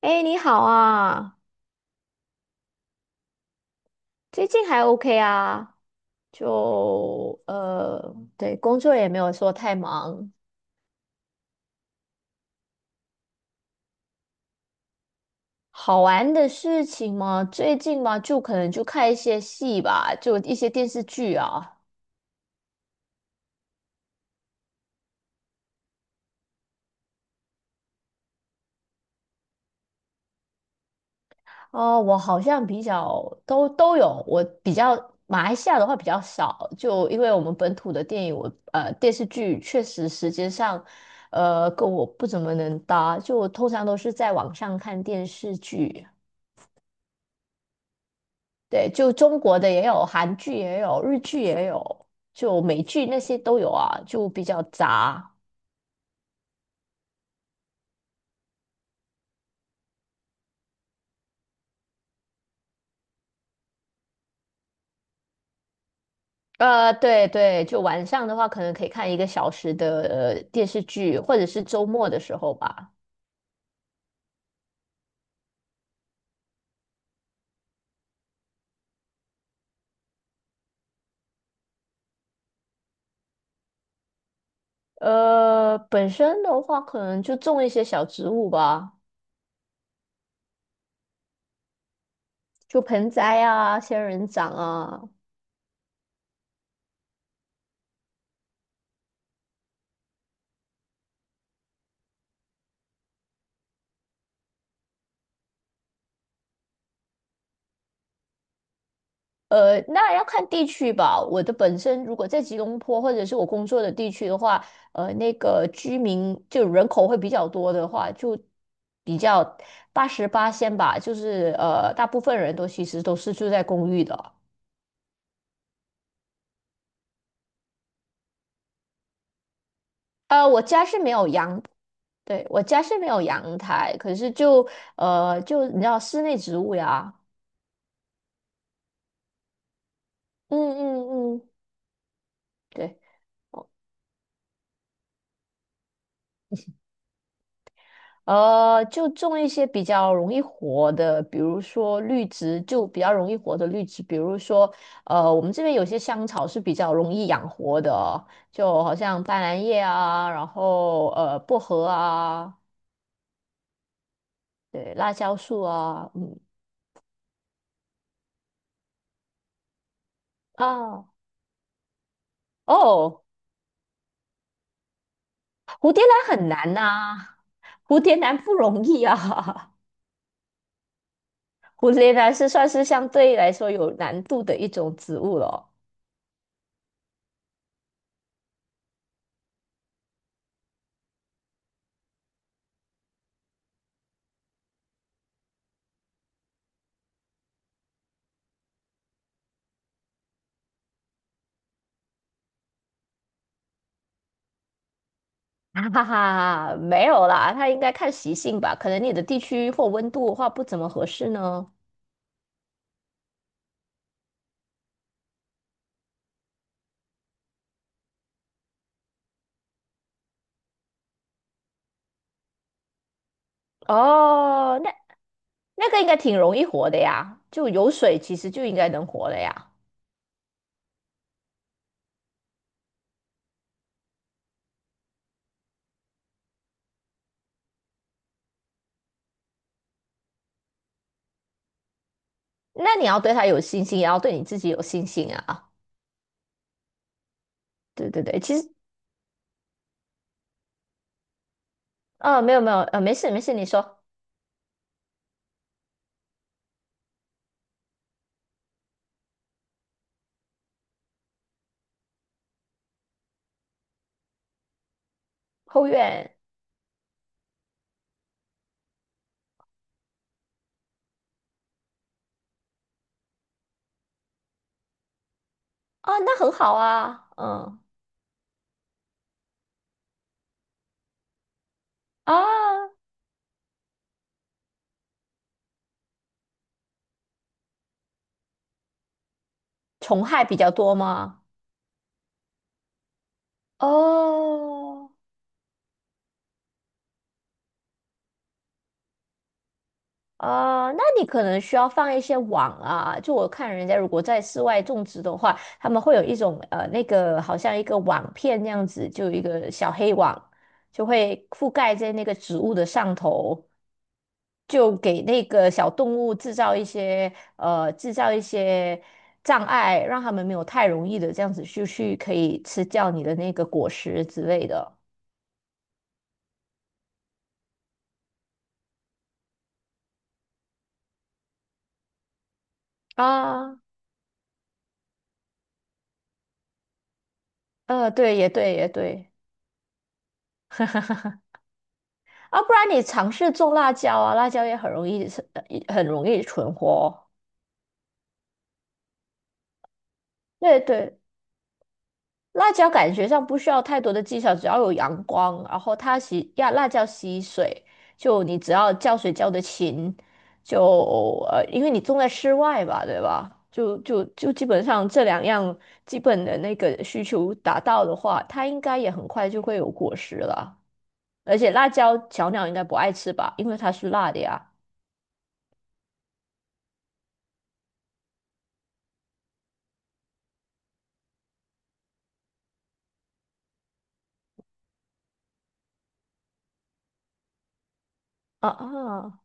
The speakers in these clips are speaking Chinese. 哎，你好啊，最近还 OK 啊。就对，工作也没有说太忙。好玩的事情嘛，最近嘛，就可能就看一些戏吧，就一些电视剧啊。哦，我好像比较都有，我比较马来西亚的话比较少，就因为我们本土的电影，电视剧确实时间上，跟我不怎么能搭，就我通常都是在网上看电视剧。对，就中国的也有，韩剧也有，日剧也有，就美剧那些都有啊，就比较杂。对对，就晚上的话，可能可以看一个小时的电视剧，或者是周末的时候吧。本身的话，可能就种一些小植物吧，就盆栽啊、仙人掌啊。那要看地区吧。我的本身如果在吉隆坡或者是我工作的地区的话，那个居民就人口会比较多的话，就比较八十八仙吧，就是大部分人都其实都是住在公寓的。我家是没有阳，对，我家是没有阳台，可是就你知道室内植物呀，嗯嗯嗯，对。就种一些比较容易活的，比如说绿植，就比较容易活的绿植，比如说，我们这边有些香草是比较容易养活的哦，就好像斑斓叶啊，然后薄荷啊，对，辣椒树啊，嗯啊哦，蝴蝶兰很难呐、蝴蝶兰不容易啊，蝴蝶兰是算是相对来说有难度的一种植物了。哈哈哈，没有啦，它应该看习性吧，可能你的地区或温度的话不怎么合适呢。哦，那个应该挺容易活的呀，就有水其实就应该能活了呀。那你要对它有信心，也要对你自己有信心啊。对对对，其实没有没有没事没事，你说后院啊，那很好啊，嗯啊，虫害比较多吗？哦。啊，那你可能需要放一些网啊。就我看人家如果在室外种植的话，他们会有一种那个好像一个网片那样子，就有一个小黑网，就会覆盖在那个植物的上头，就给那个小动物制造一些障碍，让他们没有太容易的这样子就去可以吃掉你的那个果实之类的啊。对，也对，也对。啊，不然你尝试种辣椒啊，辣椒也很容易是，很容易存活哦。对对，辣椒感觉上不需要太多的技巧，只要有阳光，然后它吸呀，辣椒吸水，就你只要浇水浇得勤，就因为你种在室外吧，对吧？就基本上这两样基本的那个需求达到的话，它应该也很快就会有果实了。而且辣椒小鸟应该不爱吃吧，因为它是辣的呀。啊啊。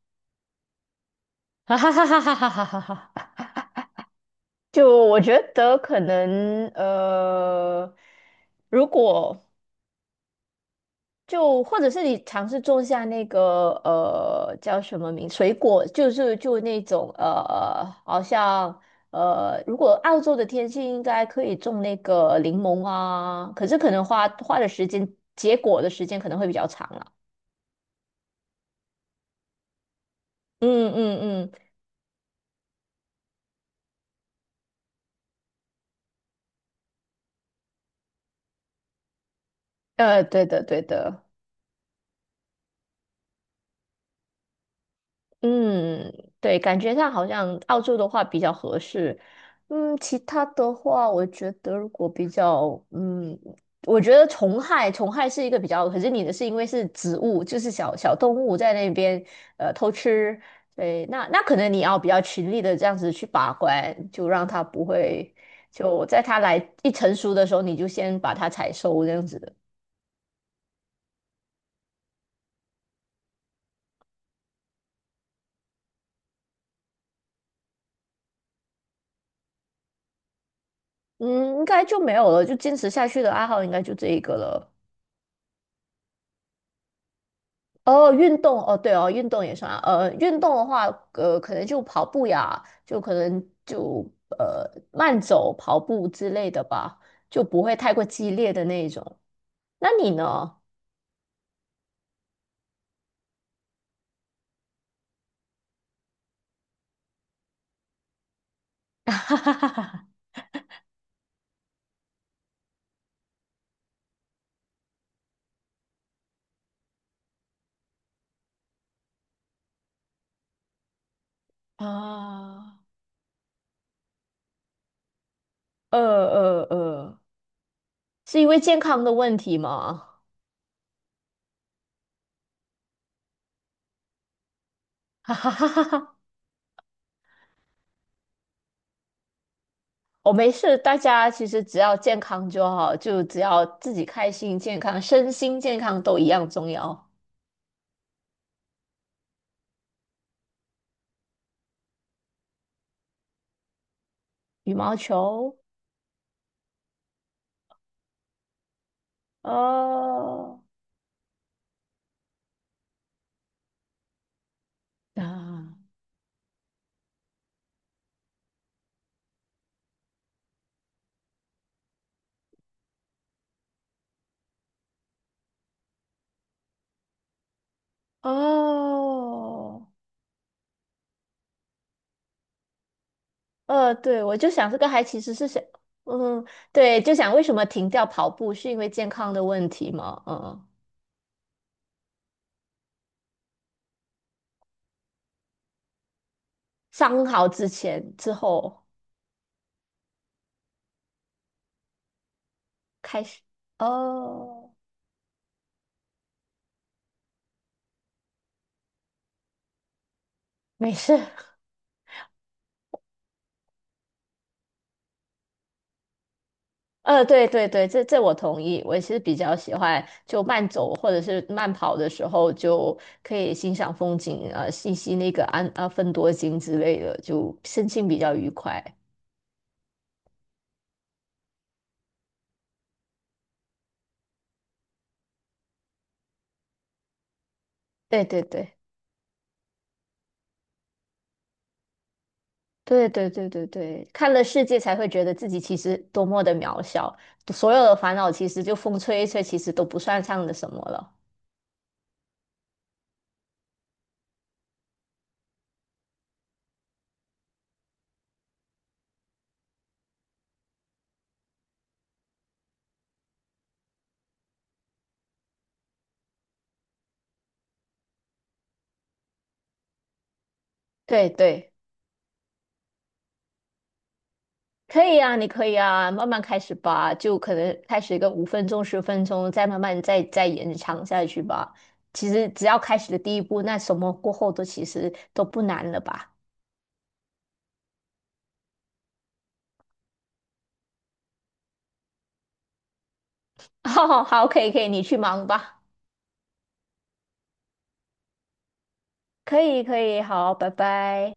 哈哈哈哈哈哈哈哈哈！就我觉得可能如果就或者是你尝试种下那个叫什么名水果，就是就那种好像如果澳洲的天气应该可以种那个柠檬啊，可是可能花的时间结果的时间可能会比较长了。嗯嗯嗯，对的对的。嗯，对，感觉上好像澳洲的话比较合适。嗯，其他的话，我觉得如果比较，嗯，我觉得虫害是一个比较，可是你的是因为是植物，就是小小动物在那边偷吃，对，那可能你要比较勤力的这样子去把关，就让它不会，就在它来一成熟的时候，你就先把它采收这样子的。嗯，应该就没有了，就坚持下去的爱好应该就这一个了。哦，运动哦，对哦，运动也算啊。运动的话，可能就跑步呀，就可能就慢走、跑步之类的吧，就不会太过激烈的那一种。那你呢？啊，呃呃呃，是因为健康的问题吗？哈哈哈哈哈，没事，大家其实只要健康就好，就只要自己开心、健康、身心健康都一样重要。羽毛球，哦。啊哦，对，我就想这个还其实是想，嗯，对，就想为什么停掉跑步是因为健康的问题吗？嗯，伤好之后开始，哦，没事，对对对，这我同意，我也是比较喜欢就慢走或者是慢跑的时候就可以欣赏风景，吸吸那个安啊芬多精之类的，就身心比较愉快。对对对。对对对对对，看了世界才会觉得自己其实多么的渺小，所有的烦恼其实就风吹一吹，其实都不算上的什么了。对对，可以啊，你可以啊，慢慢开始吧，就可能开始一个5分钟、10分钟，再慢慢再再延长下去吧。其实只要开始的第一步，那什么过后都其实都不难了吧？好好，可以可以，你去忙吧。可以可以，好，拜拜。